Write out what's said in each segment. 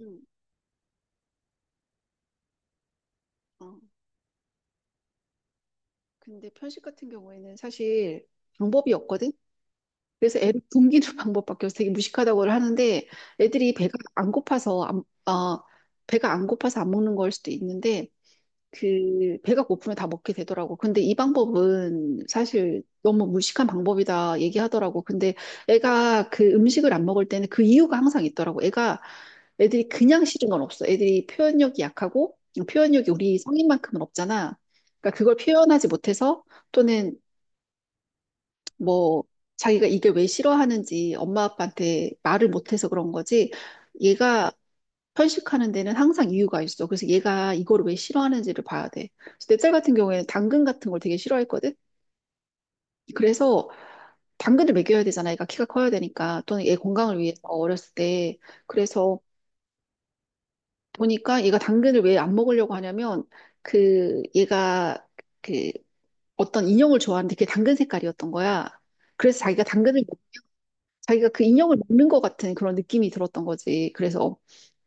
음, 어. 근데 편식 같은 경우에는 사실 방법이 없거든? 그래서 애를 굶기는 방법밖에 없어. 되게 무식하다고 하는데 애들이 배가 안 고파서 안, 어, 배가 안 고파서 안 먹는 걸 수도 있는데 그 배가 고프면 다 먹게 되더라고. 근데 이 방법은 사실 너무 무식한 방법이다 얘기하더라고. 근데 애가 그 음식을 안 먹을 때는 그 이유가 항상 있더라고. 애가 애들이 그냥 싫은 건 없어. 애들이 표현력이 약하고 표현력이 우리 성인만큼은 없잖아. 그러니까 그걸 표현하지 못해서 또는 뭐 자기가 이게 왜 싫어하는지 엄마 아빠한테 말을 못해서 그런 거지. 얘가 편식하는 데는 항상 이유가 있어. 그래서 얘가 이걸 왜 싫어하는지를 봐야 돼. 그래서 내딸 같은 경우에는 당근 같은 걸 되게 싫어했거든. 그래서 당근을 먹여야 되잖아. 얘가 키가 커야 되니까. 또는 얘 건강을 위해서 어렸을 때. 그래서 보니까 얘가 당근을 왜 안 먹으려고 하냐면 그 얘가 그 어떤 인형을 좋아하는데 그게 당근 색깔이었던 거야. 그래서 자기가 당근을 자기가 그 인형을 먹는 것 같은 그런 느낌이 들었던 거지. 그래서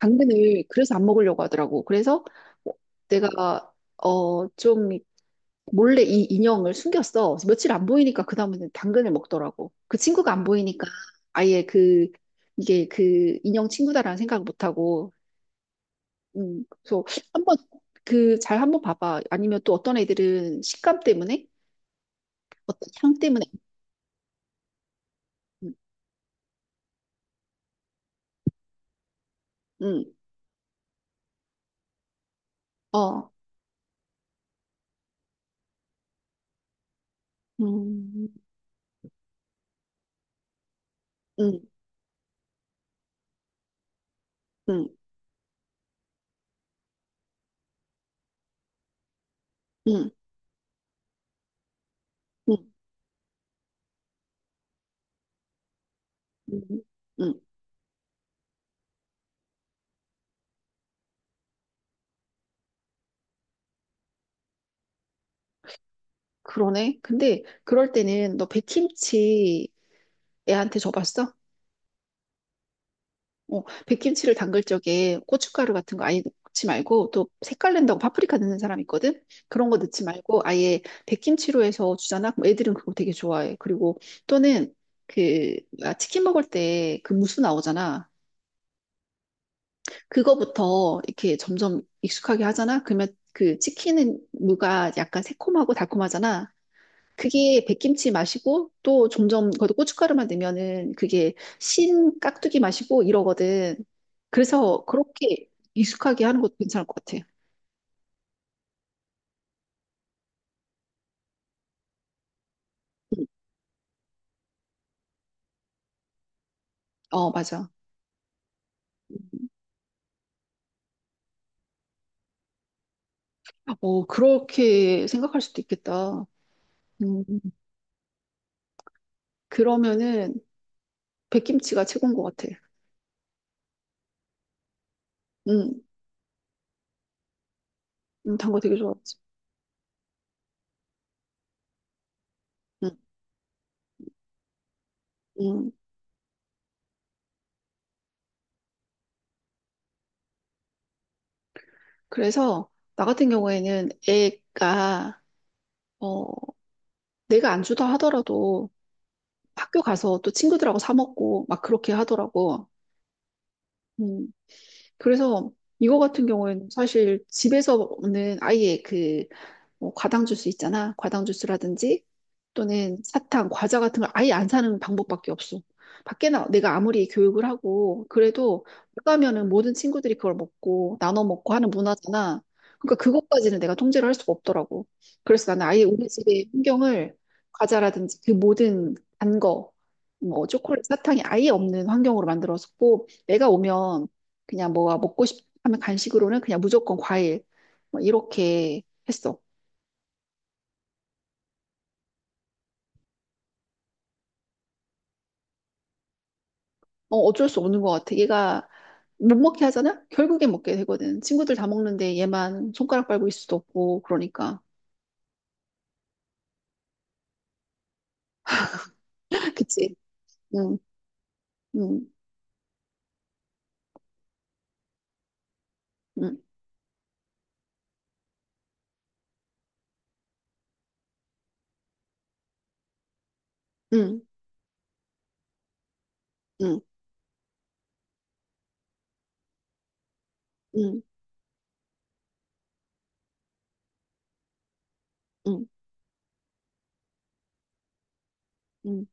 당근을 그래서 안 먹으려고 하더라고. 그래서 어, 내가 좀 몰래 이 인형을 숨겼어. 그래서 며칠 안 보이니까 그다음에는 당근을 먹더라고. 그 친구가 안 보이니까 아예 그 이게 그 인형 친구다라는 생각을 못 하고. 그래서 한번 그 잘 한번 봐봐. 아니면 또 어떤 애들은 식감 때문에 어떤 향 때문에 음, 음, 어, 음, 음, 음, 음, 음. 음, 음, 그러네. 근데 그럴 때는 너 백김치 애한테 줘봤어? 어, 백김치를 담글 적에 고춧가루 같은 거 아예 넣지 말고 또 색깔 낸다고 파프리카 넣는 사람 있거든? 그런 거 넣지 말고 아예 백김치로 해서 주잖아? 그럼 애들은 그거 되게 좋아해. 그리고 또는 그 아, 치킨 먹을 때 그 무수 나오잖아. 그거부터 이렇게 점점 익숙하게 하잖아? 그러면 그 치킨은 무가 약간 새콤하고 달콤하잖아. 그게 백김치 맛이고 또 점점 거기다 고춧가루만 넣으면은 그게 신 깍두기 맛이고 이러거든. 그래서 그렇게 익숙하게 하는 것도 괜찮을 것 같아. 음, 어, 맞아. 어, 그렇게 생각할 수도 있겠다. 음, 그러면은 백김치가 최고인 것 같아. 음, 단거 되게 좋아하지. 음, 음. 그래서 나 같은 경우에는 애가 어, 내가 안 주다 하더라도 학교 가서 또 친구들하고 사 먹고 막 그렇게 하더라고. 음, 그래서 이거 같은 경우에는 사실 집에서 는 아예 그 뭐 과당 주스 있잖아. 과당 주스라든지 또는 사탕, 과자 같은 걸 아예 안 사는 방법밖에 없어. 밖에 나 내가 아무리 교육을 하고 그래도 못 가면은 모든 친구들이 그걸 먹고 나눠 먹고 하는 문화잖아. 그러니까 그것까지는 내가 통제를 할 수가 없더라고. 그래서 나는 아예 우리 집의 환경을 과자라든지 그 모든 단 거, 뭐 초콜릿, 사탕이 아예 없는 환경으로 만들었었고 내가 오면 그냥 뭐가 먹고 싶 하면 간식으로는 그냥 무조건 과일 뭐 이렇게 했어. 어, 어쩔 수 없는 것 같아. 얘가 못 먹게 하잖아? 결국엔 먹게 되거든. 친구들 다 먹는데 얘만 손가락 빨고 있을 수도 없고, 그러니까. 그치? 응, 응, 응, 응, 응, 응, 응, 응.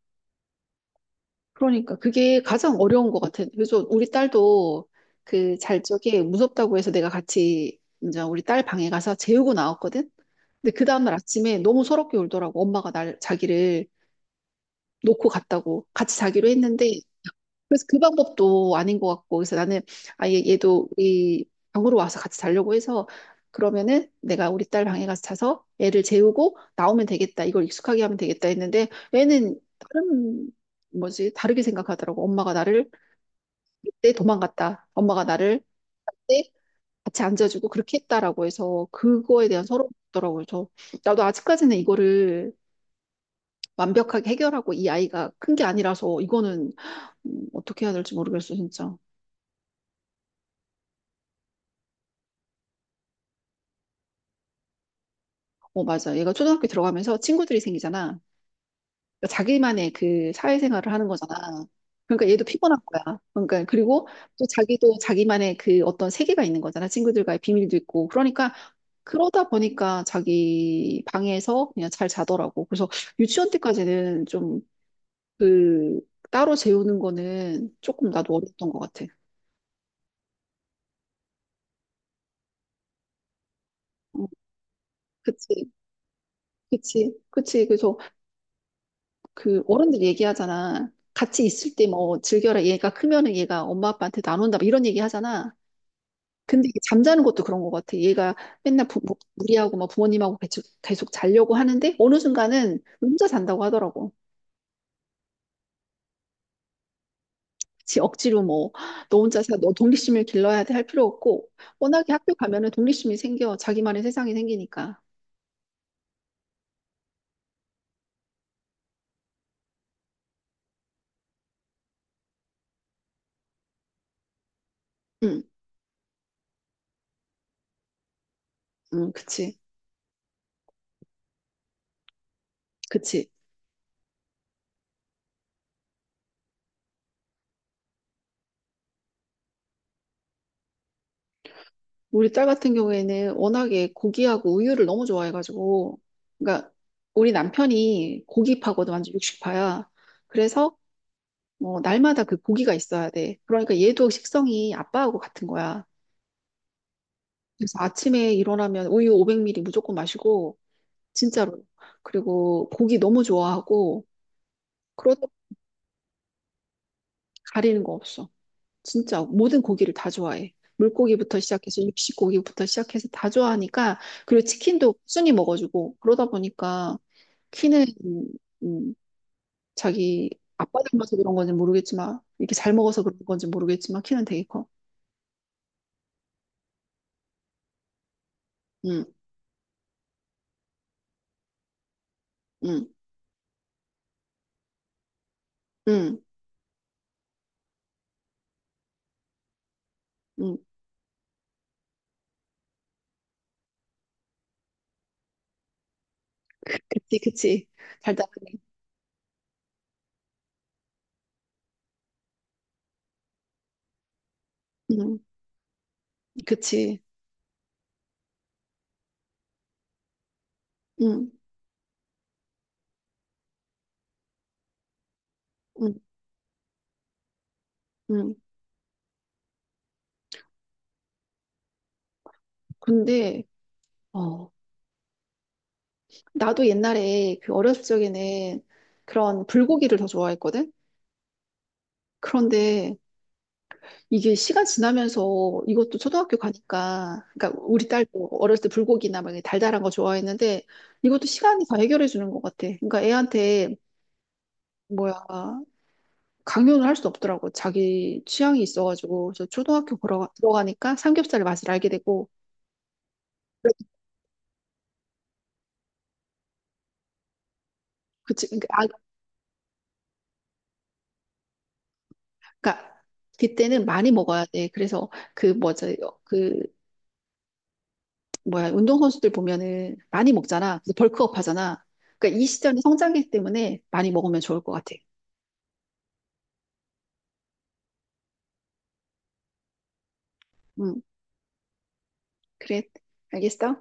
그러니까 그게 가장 어려운 것 같아. 그래서 우리 딸도 그 잘 적에 무섭다고 해서 내가 같이 이제 우리 딸 방에 가서 재우고 나왔거든? 근데 그 다음날 아침에 너무 서럽게 울더라고. 엄마가 날, 자기를 놓고 갔다고. 같이 자기로 했는데 그래서 그 방법도 아닌 것 같고 그래서 나는 아예 얘도 우리 방으로 와서 같이 자려고 해서 그러면은 내가 우리 딸 방에 가서 자서 애를 재우고 나오면 되겠다 이걸 익숙하게 하면 되겠다 했는데 애는 다른 뭐지 다르게 생각하더라고 엄마가 나를 그때 도망갔다 엄마가 나를 때 같이 앉아주고 그렇게 했다라고 해서 그거에 대한 서러움이 있더라고요. 저 나도 아직까지는 이거를 완벽하게 해결하고 이 아이가 큰 게 아니라서 이거는 어떻게 해야 될지 모르겠어, 진짜. 어, 맞아. 얘가 초등학교 들어가면서 친구들이 생기잖아. 그러니까 자기만의 그 사회생활을 하는 거잖아. 그러니까 얘도 피곤한 거야. 그러니까 그리고 또 자기도 자기만의 그 어떤 세계가 있는 거잖아. 친구들과의 비밀도 있고. 그러니까 그러다 보니까 자기 방에서 그냥 잘 자더라고. 그래서 유치원 때까지는 좀 그 따로 재우는 거는 조금 나도 어렸던 것 같아. 어, 그치, 그치, 그치. 그래서 그 어른들 얘기하잖아. 같이 있을 때 뭐 즐겨라. 얘가 크면은 얘가 엄마 아빠한테 나눈다. 막 이런 얘기 하잖아. 근데 이게 잠자는 것도 그런 것 같아. 얘가 맨날 무리하고 막 부모님하고 계속, 계속 자려고 하는데 어느 순간은 혼자 잔다고 하더라고. 그치, 억지로 뭐 너 혼자 사, 너 독립심을 길러야 돼 할 필요 없고 워낙에 학교 가면은 독립심이 생겨. 자기만의 세상이 생기니까. 응, 응, 그치, 그치. 우리 딸 같은 경우에는 워낙에 고기하고 우유를 너무 좋아해가지고, 그러니까 우리 남편이 고기파거든, 완전 육식파야. 그래서 뭐 날마다 그 고기가 있어야 돼. 그러니까 얘도 식성이 아빠하고 같은 거야. 그래서 아침에 일어나면 우유 500ml 무조건 마시고, 진짜로. 그리고 고기 너무 좋아하고, 그러다 가리는 거 없어. 진짜 모든 고기를 다 좋아해. 물고기부터 시작해서 육식고기부터 시작해서 다 좋아하니까 그리고 치킨도 순이 먹어주고 그러다 보니까 키는 음, 자기 아빠 닮아서 그런 건지 모르겠지만 이렇게 잘 먹어서 그런 건지 모르겠지만 키는 되게 커. 응, 응, 응, 응. 그치. 달달하네. 응, 그치. 응, 응, 응. 근데 어 나도 옛날에 그 어렸을 적에는 그런 불고기를 더 좋아했거든. 그런데 이게 시간 지나면서 이것도 초등학교 가니까, 그러니까 우리 딸도 어렸을 때 불고기나 막 이렇게 달달한 거 좋아했는데 이것도 시간이 다 해결해 주는 것 같아. 그러니까 애한테 뭐야 강요는 할 수 없더라고. 자기 취향이 있어가지고 그래서 들어가니까 삼겹살의 맛을 알게 되고, 그치? 그러니까, 아, 그러니까 그때는 많이 먹어야 돼. 그래서 그 뭐지 그 뭐야 운동선수들 보면은 많이 먹잖아. 그래서 벌크업 하잖아. 그러니까 이 시절이 성장기 때문에 많이 먹으면 좋을 것 같아. 응. 그래, 알겠어?